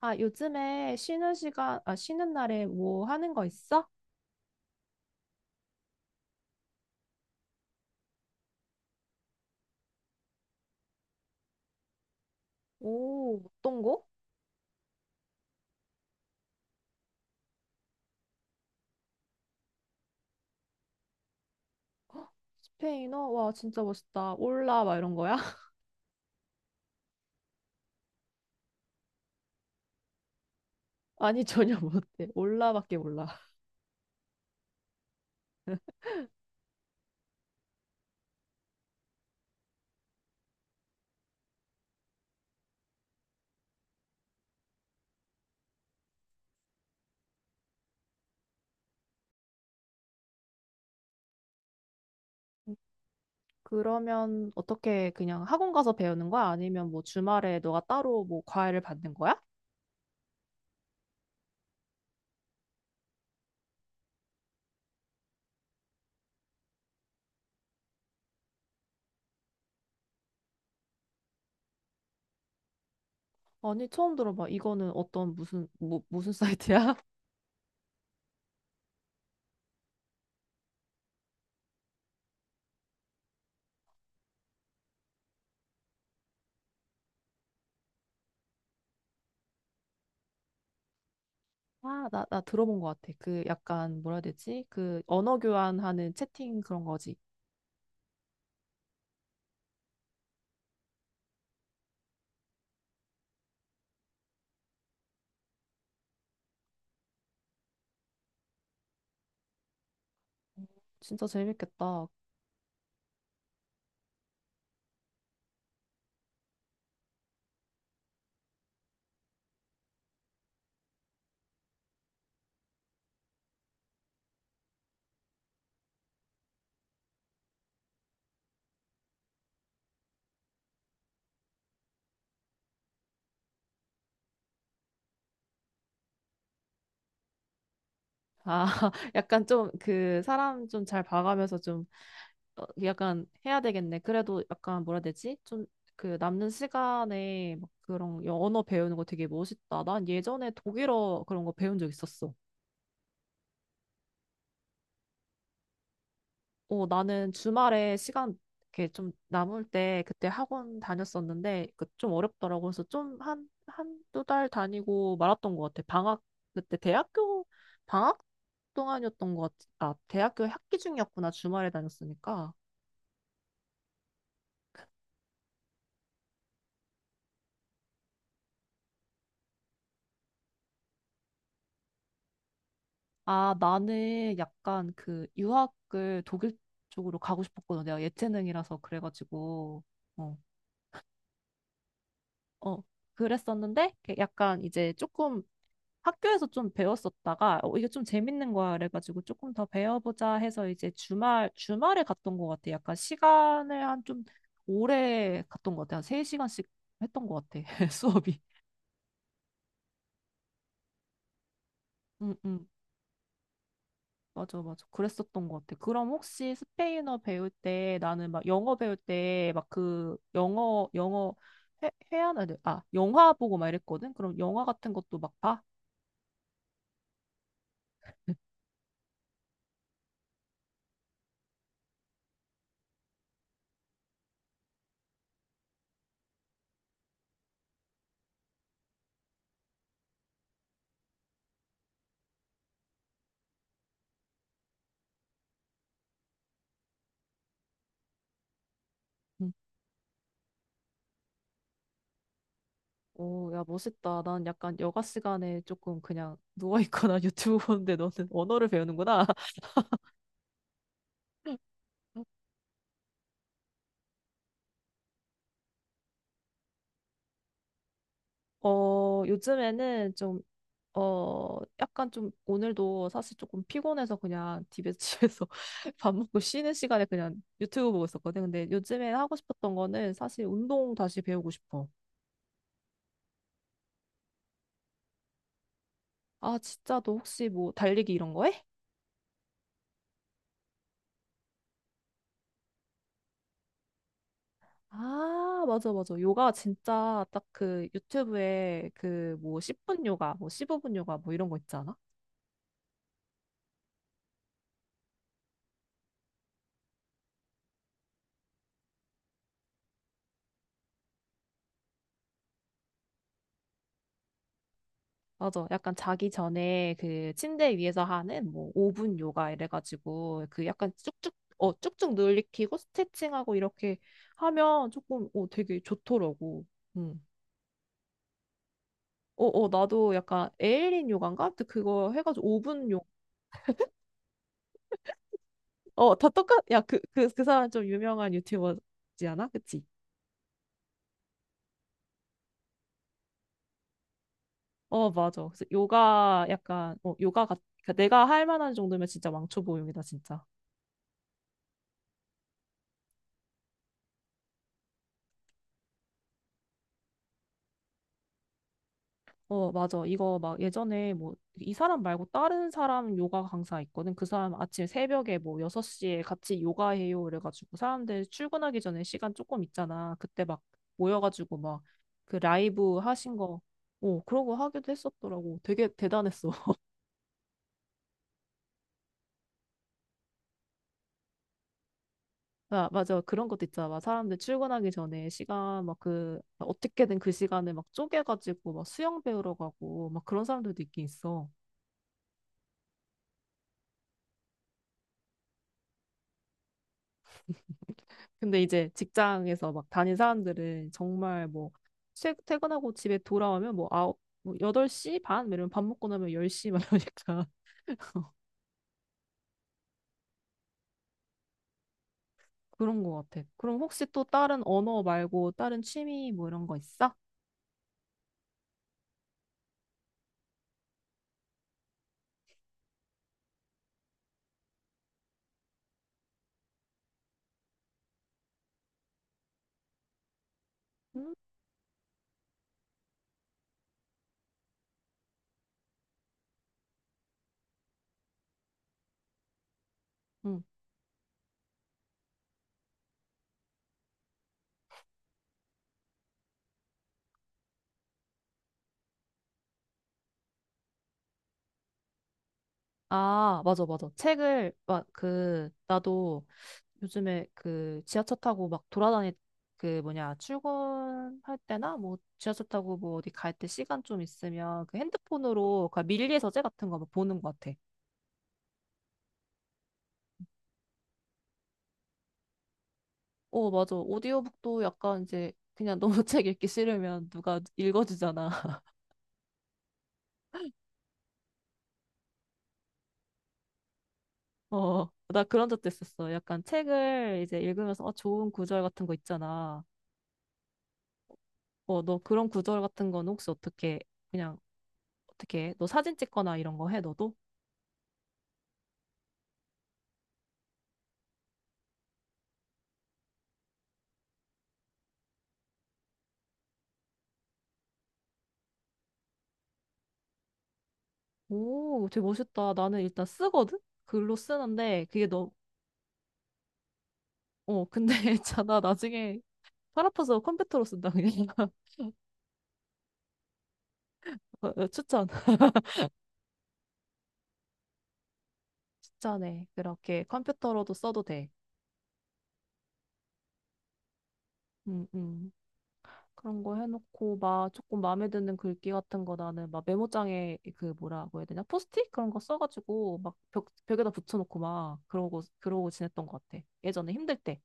아, 요즘에 쉬는 날에 뭐 하는 거 있어? 오, 어떤 거? 헉, 스페인어? 와, 진짜 멋있다. 올라, 막 이런 거야? 아니, 전혀 못해. 올라밖에 몰라. 그러면 어떻게 그냥 학원 가서 배우는 거야? 아니면 뭐 주말에 너가 따로 뭐 과외를 받는 거야? 아니, 처음 들어봐. 이거는 무슨 사이트야? 아, 나 들어본 것 같아. 그 약간, 뭐라 해야 되지? 그 언어 교환하는 채팅 그런 거지. 진짜 재밌겠다. 아, 약간 좀 그 사람 좀 잘 봐가면서 좀 약간 해야 되겠네. 그래도 약간 뭐라 해야 되지? 좀 그 남는 시간에 막 그런 언어 배우는 거 되게 멋있다. 난 예전에 독일어 그런 거 배운 적 있었어. 어, 나는 주말에 시간 이렇게 좀 남을 때 그때 학원 다녔었는데 그 좀 어렵더라고. 그래서 좀 한두 달 다니고 말았던 것 같아. 그때 대학교 방학 동안이었던 것 같아. 아, 대학교 학기 중이었구나. 주말에 다녔으니까. 아, 나는 약간 그 유학을 독일 쪽으로 가고 싶었거든. 내가 예체능이라서 그래가지고, 어, 어, 그랬었는데, 이렇게 약간 이제 조금 학교에서 좀 배웠었다가, 이게 좀 재밌는 거야. 그래가지고 조금 더 배워보자 해서 이제 주말에 갔던 것 같아. 약간 시간을 한 좀 오래 갔던 것 같아. 한 세 시간씩 했던 것 같아. 수업이. 응, 응. 맞아, 맞아. 그랬었던 것 같아. 그럼 혹시 스페인어 배울 때 나는 막 영어 배울 때 막 그 영어 회화나, 아, 영화 보고 막 이랬거든? 그럼 영화 같은 것도 막 봐? 응. 오, 야, 멋있다. 난 약간 여가 시간에 조금 그냥 누워있거나 유튜브 보는데 너는 언어를 배우는구나. 어, 요즘에는 좀 약간 좀 오늘도 사실 조금 피곤해서 그냥 집에서 밥 먹고 쉬는 시간에 그냥 유튜브 보고 있었거든. 근데 요즘에 하고 싶었던 거는 사실 운동 다시 배우고 싶어. 아, 진짜 너 혹시 뭐 달리기 이런 거 해? 아, 맞아, 맞아. 요가 진짜 딱 그 유튜브에 그 뭐 10분 요가, 뭐 15분 요가 뭐 이런 거 있잖아. 맞아. 약간 자기 전에 그 침대 위에서 하는 뭐 5분 요가 이래가지고 그 약간 쭉쭉 늘리키고 스트레칭하고 이렇게 하면 조금, 되게 좋더라고. 응. 어, 어, 나도 약간 에일린 요가인가? 아무튼 그거 해가지고 5분 요, 어, 다 똑같, 야, 그 사람 좀 유명한 유튜버지 않아? 그치? 어, 맞아. 그래서 요가 약간, 그러니까 내가 할 만한 정도면 진짜 왕초보용이다, 진짜. 어, 맞아. 이거 막 예전에 뭐, 이 사람 말고 다른 사람 요가 강사 있거든. 그 사람 아침 새벽에 뭐 6시에 같이 요가해요. 그래가지고 사람들 출근하기 전에 시간 조금 있잖아. 그때 막 모여가지고 막 그 라이브 하신 거, 그런 거 하기도 했었더라고. 되게 대단했어. 아, 맞아. 그런 것도 있잖아. 막 사람들 출근하기 전에 시간 막 어떻게든 그 시간을 막 쪼개가지고 막 수영 배우러 가고 막 그런 사람들도 있긴 있어. 근데 이제 직장에서 막 다닌 사람들은 정말 뭐 퇴근하고 집에 돌아오면 뭐 아홉 뭐 8시 반 이러면 밥 먹고 나면 10시 막 이러니까 그런 거 같아. 그럼 혹시 또 다른 언어 말고 다른 취미 뭐 이런 거 있어? 응, 응. 아, 맞아, 맞아. 나도 요즘에 그 지하철 타고 막 그 뭐냐, 출근할 때나 뭐 지하철 타고 뭐 어디 갈 때 시간 좀 있으면 그 핸드폰으로 그 밀리에서재 같은 거막 보는 것 같아. 어, 맞아. 오디오북도 약간 이제 그냥 너무 책 읽기 싫으면 누가 읽어주잖아. 어, 나 그런 적도 있었어. 약간 책을 이제 읽으면서 아, 좋은 구절 같은 거 있잖아. 어, 너 그런 구절 같은 건 혹시 어떻게 그냥 어떻게 해? 너 사진 찍거나 이런 거 해, 너도? 오, 되게 멋있다. 나는 일단 쓰거든? 글로 쓰는데 그게 너, 어, 근데 있잖아. 나중에 팔 아파서 컴퓨터로 쓴다, 그냥. 어, 어, 추천. 추천해. 그렇게 컴퓨터로도 써도 돼. 음, 음. 그런 거 해놓고 막 조금 마음에 드는 글귀 같은 거 나는 막 메모장에 그 뭐라고 해야 되냐 포스트잇 그런 거 써가지고 막 벽에다 붙여놓고 막 그러고 그러고 지냈던 것 같아, 예전에 힘들 때.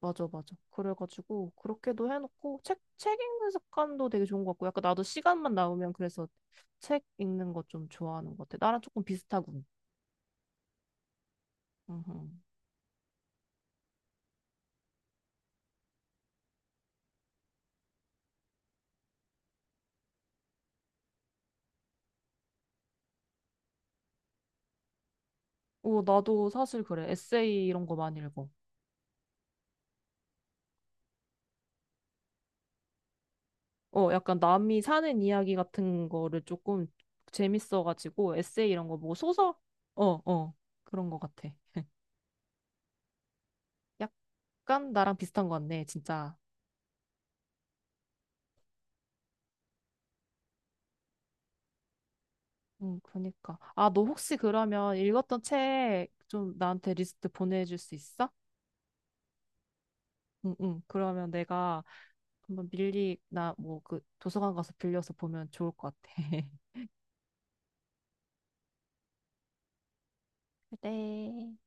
맞아, 맞아. 그래가지고 그렇게도 해놓고 책 읽는 습관도 되게 좋은 것 같고, 약간 나도 시간만 나오면 그래서 책 읽는 거 좀 좋아하는 것 같아. 나랑 조금 비슷하군. 음. 어, 나도 사실 그래. 에세이 이런 거 많이 읽어. 어, 약간 남이 사는 이야기 같은 거를 조금 재밌어가지고 에세이 이런 거 뭐 소설? 어, 어, 그런 거 같아. 약간 나랑 비슷한 거 같네, 진짜. 응, 그러니까. 아, 너 혹시 그러면 읽었던 책 좀 나한테 리스트 보내줄 수 있어? 응, 응. 그러면 내가 한번 밀리나 뭐 그 도서관 가서 빌려서 보면 좋을 것 같아. 그래.